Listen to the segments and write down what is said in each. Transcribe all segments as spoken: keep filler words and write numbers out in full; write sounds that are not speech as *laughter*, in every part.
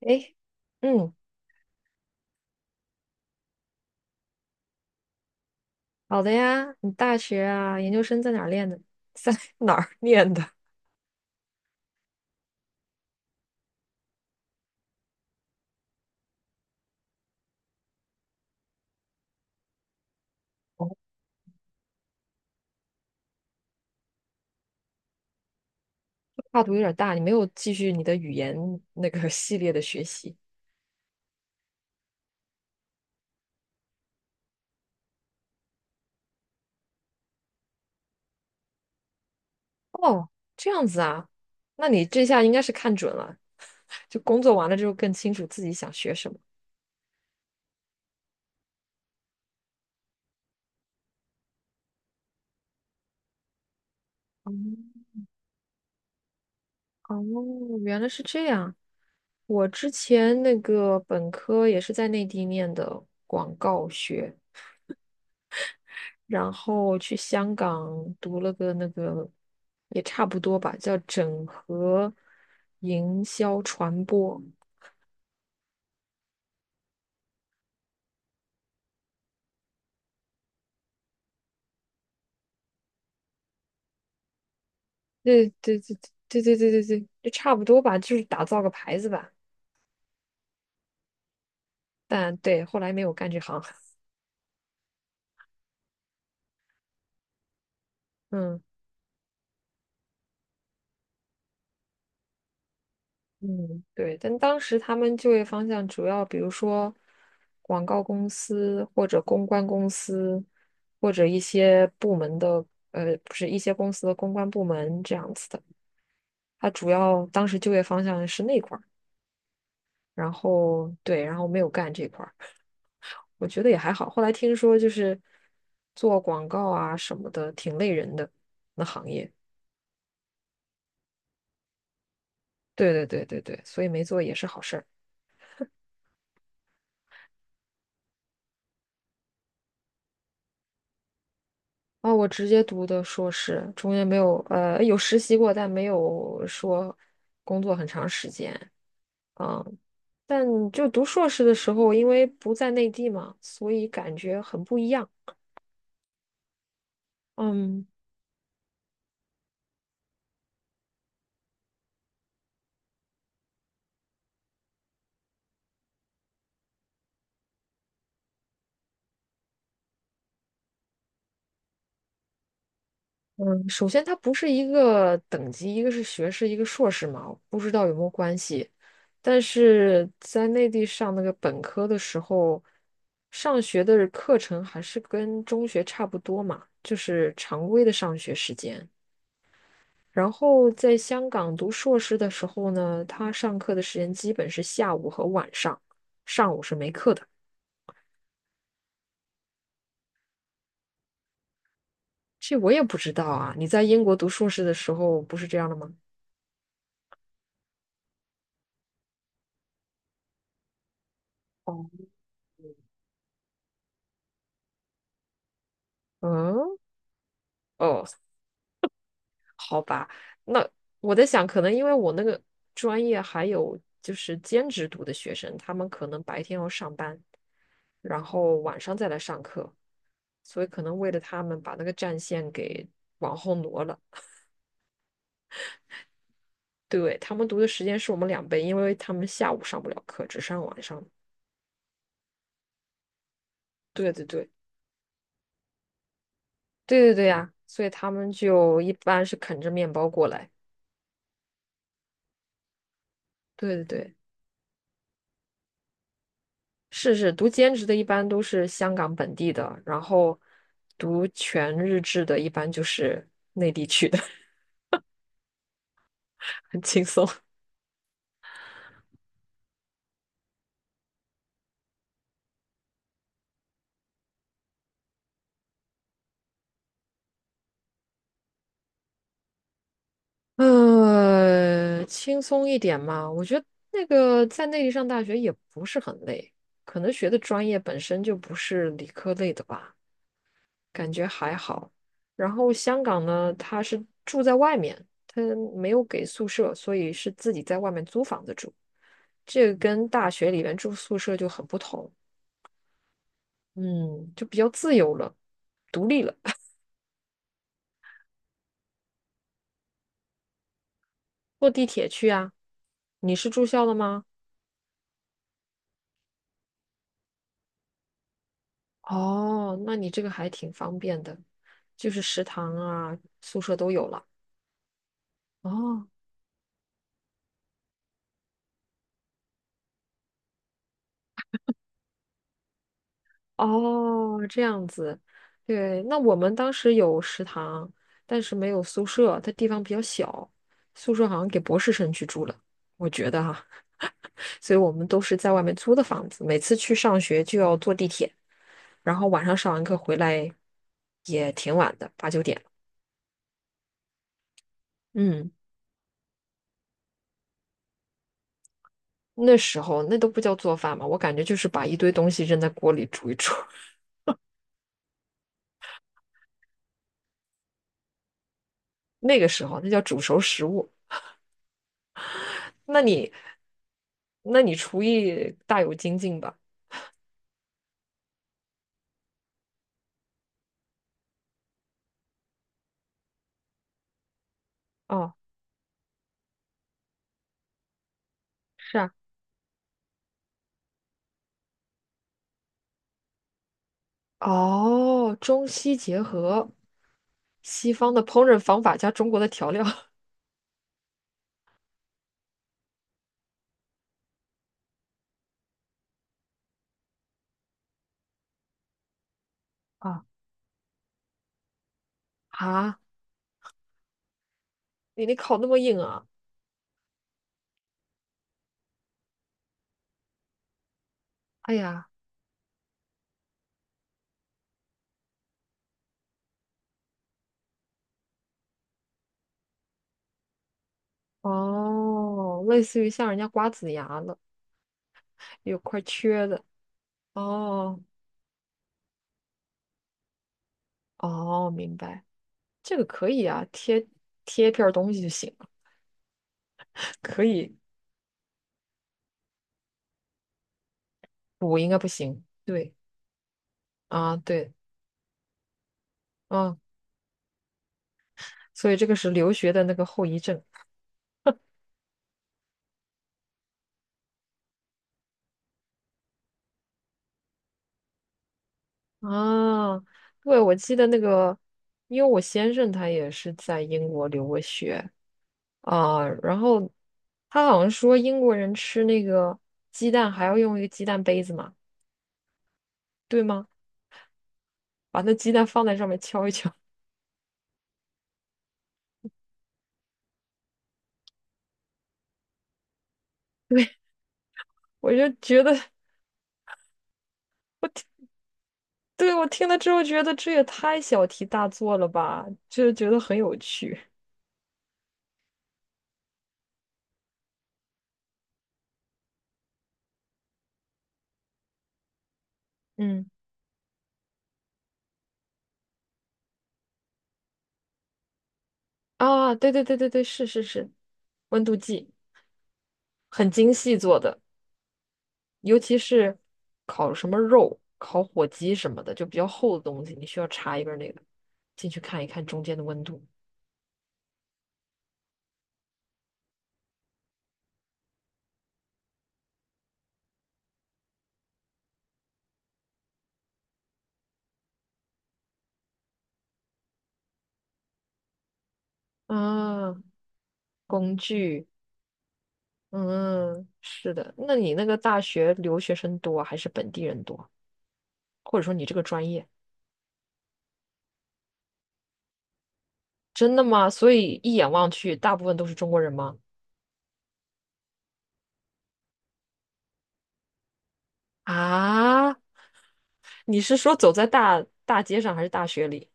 诶，嗯，好的呀。你大学啊，研究生在哪儿练的？在 *laughs* 哪儿念的？*laughs* 跨度有点大，你没有继续你的语言那个系列的学习。哦，这样子啊，那你这下应该是看准了，就工作完了之后更清楚自己想学什么。哦，哦，原来是这样。我之前那个本科也是在内地念的广告学，然后去香港读了个那个，也差不多吧，叫整合营销传播。对对对对对对对对，就差不多吧，就是打造个牌子吧。但对，后来没有干这行。嗯嗯，对。但当时他们就业方向主要，比如说广告公司或者公关公司，或者一些部门的，呃，不是一些公司的公关部门这样子的。他主要当时就业方向是那块儿，然后对，然后没有干这块儿，我觉得也还好。后来听说就是做广告啊什么的，挺累人的那行业。对对对对对，所以没做也是好事儿。啊，我直接读的硕士，中间没有呃有实习过，但没有说工作很长时间。嗯，但就读硕士的时候，因为不在内地嘛，所以感觉很不一样。嗯。首先，它不是一个等级，一个是学士，一个硕士嘛，我不知道有没有关系。但是在内地上那个本科的时候，上学的课程还是跟中学差不多嘛，就是常规的上学时间。然后在香港读硕士的时候呢，他上课的时间基本是下午和晚上，上午是没课的。这我也不知道啊，你在英国读硕士的时候不是这样的吗？哦嗯，哦。好吧，那我在想，可能因为我那个专业还有就是兼职读的学生，他们可能白天要上班，然后晚上再来上课，所以可能为了他们把那个战线给往后挪了。对，他们读的时间是我们两倍，因为他们下午上不了课，只上晚上。对对对，对对对呀，所以他们就一般是啃着面包过来。对对对。是是，读兼职的一般都是香港本地的，然后读全日制的一般就是内地去的，*laughs* 很轻松。呃，轻松一点嘛，我觉得那个在内地上大学也不是很累，可能学的专业本身就不是理科类的吧，感觉还好。然后香港呢，他是住在外面，他没有给宿舍，所以是自己在外面租房子住。这个跟大学里面住宿舍就很不同，嗯，就比较自由了，独立了，*laughs* 坐地铁去啊。你是住校的吗？哦，那你这个还挺方便的，就是食堂啊、宿舍都有了。哦，哦，这样子，对，那我们当时有食堂，但是没有宿舍，它地方比较小，宿舍好像给博士生去住了，我觉得哈、*laughs* 所以我们都是在外面租的房子，每次去上学就要坐地铁，然后晚上上完课回来也挺晚的，八九点了。嗯，那时候那都不叫做饭嘛，我感觉就是把一堆东西扔在锅里煮一煮，*laughs* 那个时候那叫煮熟食物。那你那你厨艺大有精进吧？哦，是啊，哦，中西结合，西方的烹饪方法加中国的调料 *laughs* 啊啊！你你烤那么硬啊？哎呀，哦，类似于像人家瓜子牙了，有块缺的。哦哦，明白，这个可以啊，贴贴一片儿东西就行，可以。补应该不行。对啊，对，啊，所以这个是留学的那个后遗症。啊，对，我记得那个，因为我先生他也是在英国留过学啊，然后他好像说英国人吃那个鸡蛋还要用一个鸡蛋杯子嘛，对吗？把那鸡蛋放在上面敲一敲，*laughs* 我就觉得，对，我听了之后觉得这也太小题大做了吧，就是觉得很有趣。嗯，啊，对对对对对，是是是，温度计很精细做的。尤其是烤什么肉、烤火鸡什么的，就比较厚的东西，你需要插一根那个进去看一看中间的温度。啊，工具，嗯，是的。那你那个大学留学生多还是本地人多？或者说你这个专业，真的吗？所以一眼望去，大部分都是中国人吗？啊，你是说走在大大街上还是大学里？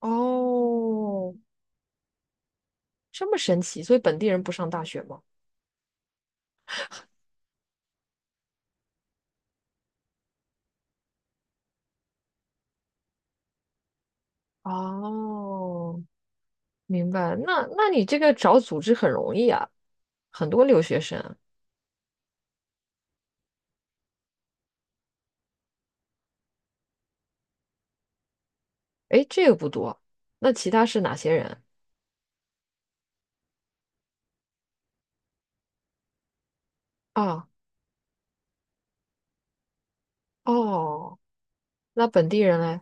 哦，这么神奇，所以本地人不上大学吗？哦，明白。那那你这个找组织很容易啊，很多留学生。诶，这个不多。那其他是哪些人啊？哦，那本地人嘞？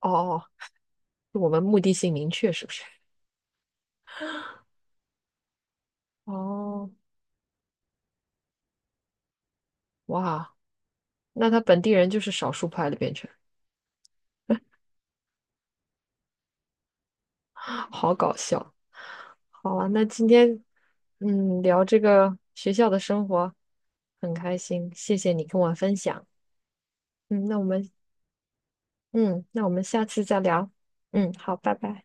哦哦，是我们目的性明确，是不是？哦，哇，那他本地人就是少数派的变成，*laughs* *gasps* 好搞笑。好啊，那今天嗯聊这个学校的生活很开心，谢谢你跟我分享。嗯，那我们嗯，那我们下次再聊。嗯，好，拜拜。